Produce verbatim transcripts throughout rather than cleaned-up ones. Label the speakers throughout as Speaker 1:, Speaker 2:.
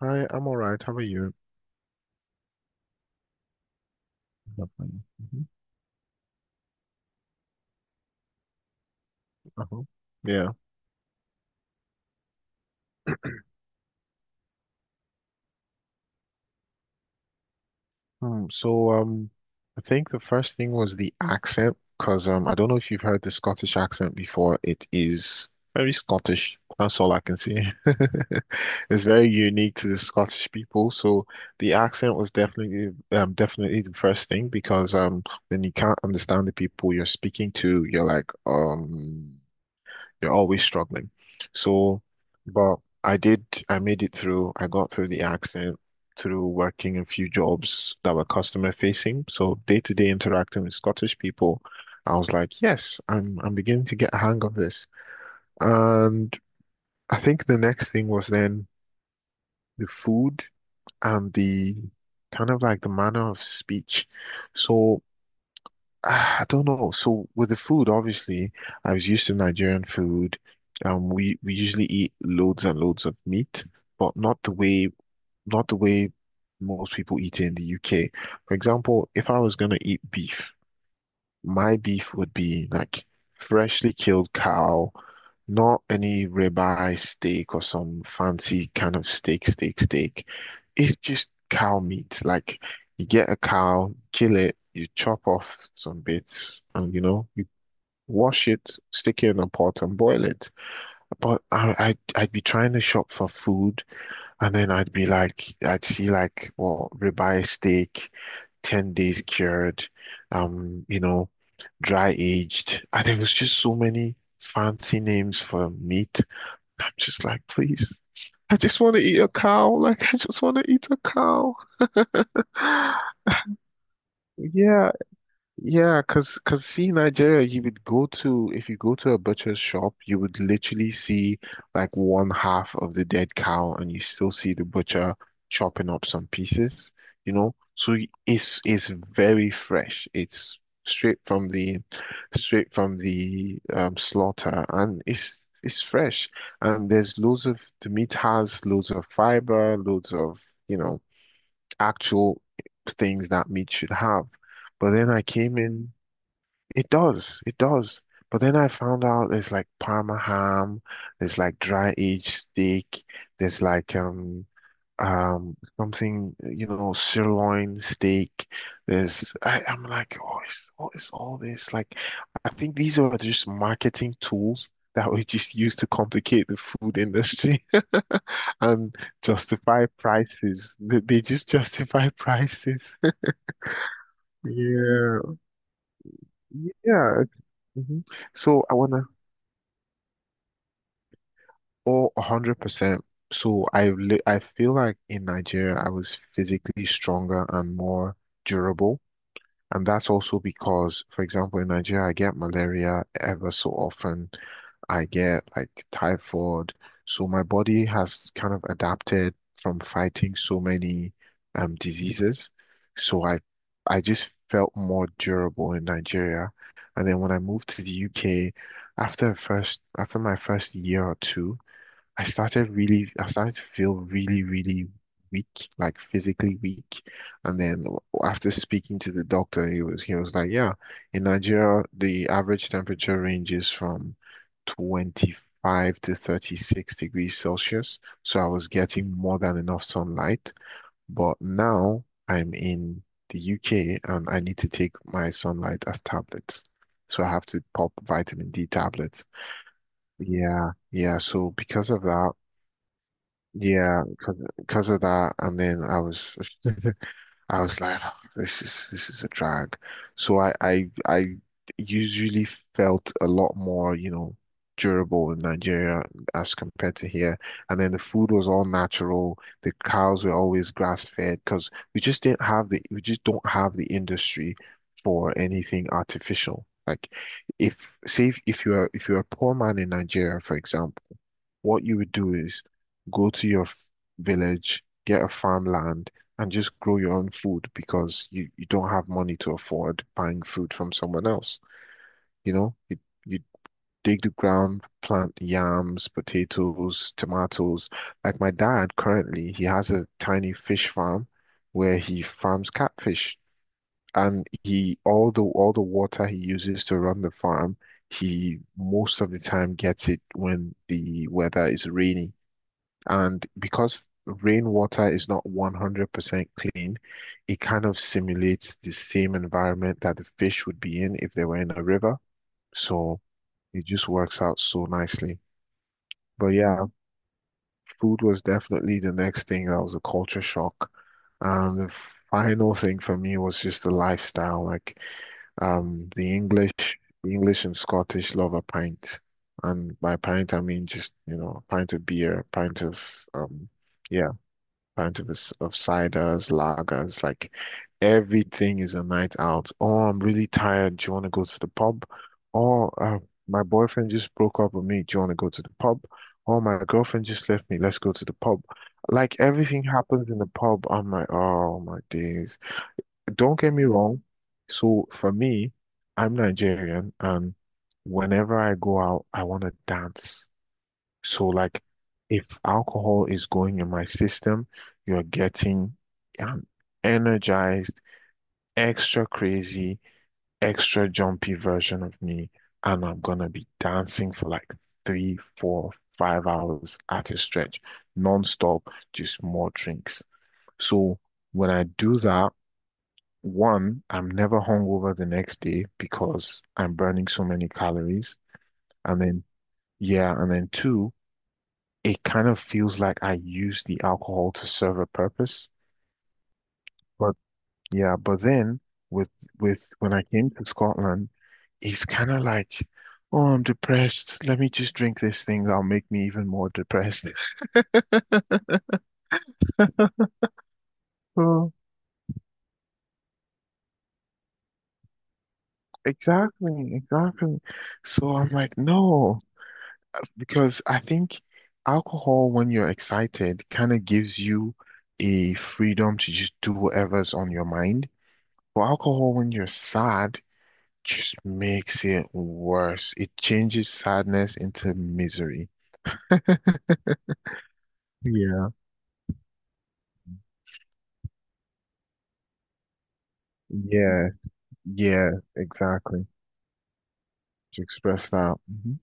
Speaker 1: Hi, I'm all right. How are you? Lovely. Mhm. Uh-huh. Yeah. Um, so um, I think the first thing was the accent, because um, I don't know if you've heard the Scottish accent before. It is very Scottish. That's all I can say. It's very unique to the Scottish people. So the accent was definitely um definitely the first thing because um when you can't understand the people you're speaking to, you're like um. You're always struggling. So, but I did, I made it through. I got through the accident through working a few jobs that were customer facing. So day-to-day interacting with Scottish people, I was like, yes, I'm I'm beginning to get a hang of this. And I think the next thing was then the food and the kind of like the manner of speech. So Ah, I don't know. So with the food, obviously, I was used to Nigerian food. Um, we we usually eat loads and loads of meat, but not the way not the way most people eat it in the U K. For example, if I was gonna eat beef, my beef would be like freshly killed cow, not any ribeye steak or some fancy kind of steak, steak, steak. It's just cow meat. Like you get a cow, kill it, you chop off some bits, and you know, you wash it, stick it in a pot and boil it. But I, I'd, I'd be trying to shop for food, and then I'd be like, I'd see like, well, ribeye steak, ten days cured, um, you know, dry aged. And there was just so many fancy names for meat. I'm just like, please. I just want to eat a cow. Like, I just want to eat a cow. Yeah. Yeah, cause, cause see Nigeria, you would go to if you go to a butcher's shop, you would literally see like one half of the dead cow, and you still see the butcher chopping up some pieces, you know. So y- it's it's very fresh. It's straight from the straight from the um, slaughter, and it's it's fresh. And there's loads of the meat has loads of fiber, loads of you know actual things that meat should have. But then I came in. It does, it does. But then I found out there's like Parma ham, there's like dry aged steak, there's like um um something, you know, sirloin steak. There's I, I'm like, oh, is, what is all this? Like, I think these are just marketing tools that we just use to complicate the food industry and justify prices. They they just justify prices. Yeah, yeah. Mhm. So I when I Oh, one hundred percent. So I li I feel like in Nigeria I was physically stronger and more durable. And that's also because, for example, in Nigeria I get malaria ever so often. I get like typhoid. So my body has kind of adapted from fighting so many um diseases. So I I just felt more durable in Nigeria. And then when I moved to the U K, after first after my first year or two. I started really, I started to feel really, really weak, like physically weak. And then w- after speaking to the doctor, he was he was like, yeah, in Nigeria, the average temperature ranges from twenty-five to thirty-six degrees Celsius. So I was getting more than enough sunlight. But now I'm in the U K and I need to take my sunlight as tablets. So I have to pop vitamin D tablets. Yeah, yeah. So because of that, yeah, because of that, and then I was, I was like, "Oh, this is this is a drag." So I I I usually felt a lot more, you know, durable in Nigeria as compared to here. And then the food was all natural. The cows were always grass fed because we just didn't have the we just don't have the industry for anything artificial. Like if say if, if you're if you're a poor man in Nigeria, for example. What you would do is go to your f- village, get a farmland, and just grow your own food because you, you don't have money to afford buying food from someone else. You know, you, you dig the ground, plant yams, potatoes, tomatoes. Like my dad currently, he has a tiny fish farm where he farms catfish. And he all the all the water he uses to run the farm, he most of the time gets it when the weather is rainy. And because rainwater is not one hundred percent clean, it kind of simulates the same environment that the fish would be in if they were in a river. So it just works out so nicely. But yeah, food was definitely the next thing that was a culture shock. And the final thing for me was just the lifestyle. Like um, the English, the English and Scottish love a pint. And by pint, I mean just, you know, a pint of beer, a pint of um, yeah, pint of, s- of ciders, lagers, like everything is a night out. Oh, I'm really tired. Do you want to go to the pub? Oh, uh, my boyfriend just broke up with me. Do you want to go to the pub? Oh, my girlfriend just left me. Let's go to the pub. Like everything happens in the pub. I'm like, oh my days. Don't get me wrong. So for me, I'm Nigerian, and whenever I go out, I want to dance. So like if alcohol is going in my system, you're getting an energized, extra crazy, extra jumpy version of me. And I'm gonna be dancing for like three, four, five hours at a stretch, non-stop, just more drinks. So when I do that, one, I'm never hungover the next day because I'm burning so many calories. And then yeah, and then two, it kind of feels like I use the alcohol to serve a purpose. But yeah, but then with with when I came to Scotland, it's kind of like, oh, I'm depressed. Let me just drink this thing that'll make me even more depressed. So exactly, exactly. So I'm like, no, because I think alcohol when you're excited kind of gives you a freedom to just do whatever's on your mind. But alcohol when you're sad just makes it worse. It changes sadness into misery. Yeah, yeah, yeah, exactly. To express that. Mhm.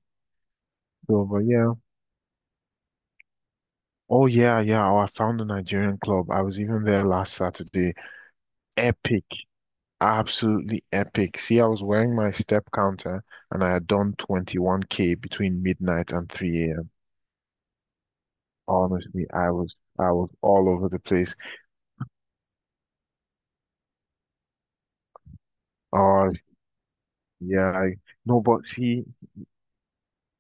Speaker 1: So, but yeah. Oh, yeah, yeah. Oh, I found a Nigerian club. I was even there last Saturday. Epic. Absolutely epic. See, I was wearing my step counter and I had done twenty-one K between midnight and three a m. Honestly, I was I was all over the place. Oh, yeah, I no, but see,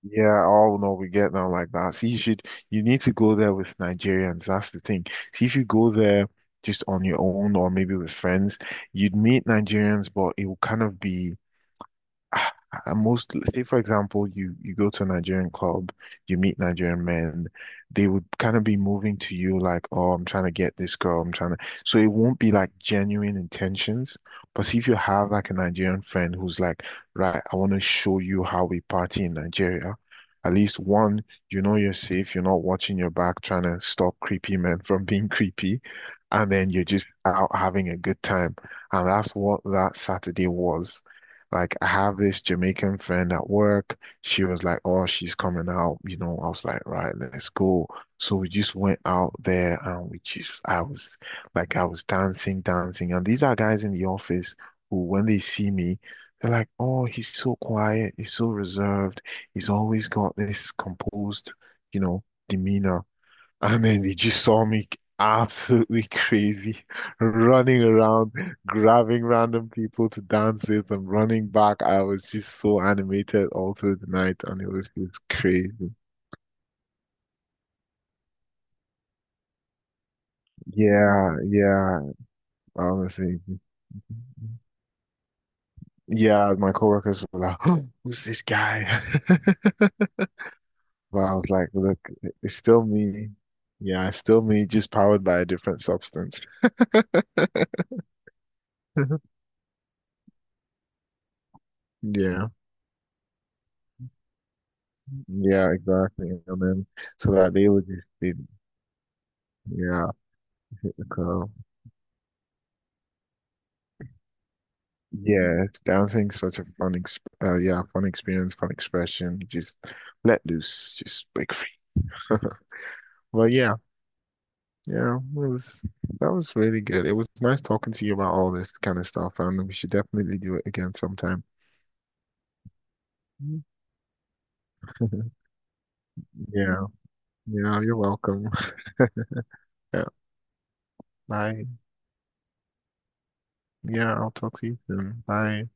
Speaker 1: yeah, all know we get down like that. See, you should you need to go there with Nigerians. That's the thing. See, if you go there just on your own or maybe with friends, you'd meet Nigerians, but it will kind of be uh, most, say for example, you you go to a Nigerian club, you meet Nigerian men, they would kind of be moving to you like, oh, I'm trying to get this girl, I'm trying to so it won't be like genuine intentions. But see, if you have like a Nigerian friend who's like, right, I want to show you how we party in Nigeria, at least one, you know, you're safe, you're not watching your back trying to stop creepy men from being creepy, and then you're just out having a good time. And that's what that Saturday was like. I have this Jamaican friend at work. She was like, "Oh, she's coming out." You know, I was like, "Right, let's go." So we just went out there, and we just, I was like, I was dancing, dancing. And these are guys in the office who, when they see me, they're like, "Oh, he's so quiet. He's so reserved. He's always got this composed, you know, demeanor." And then they just saw me absolutely crazy, running around, grabbing random people to dance with and running back. I was just so animated all through the night, and it was just crazy. Yeah, yeah, honestly. Yeah, my coworkers were like, who's this guy? But I was like, look, it's still me. Yeah, it's still me, just powered by a different substance. Yeah, yeah, exactly. And then so that they would just they, yeah, cool. Yeah, it's dancing such a fun ex uh, yeah, fun experience, fun expression. Just let loose, just break free. But yeah, yeah, it was that was really good. It was nice talking to you about all this kind of stuff, and we should definitely do it again sometime. Mm. Yeah, yeah, you're welcome. Yeah, bye. Yeah, I'll talk to you soon. Bye.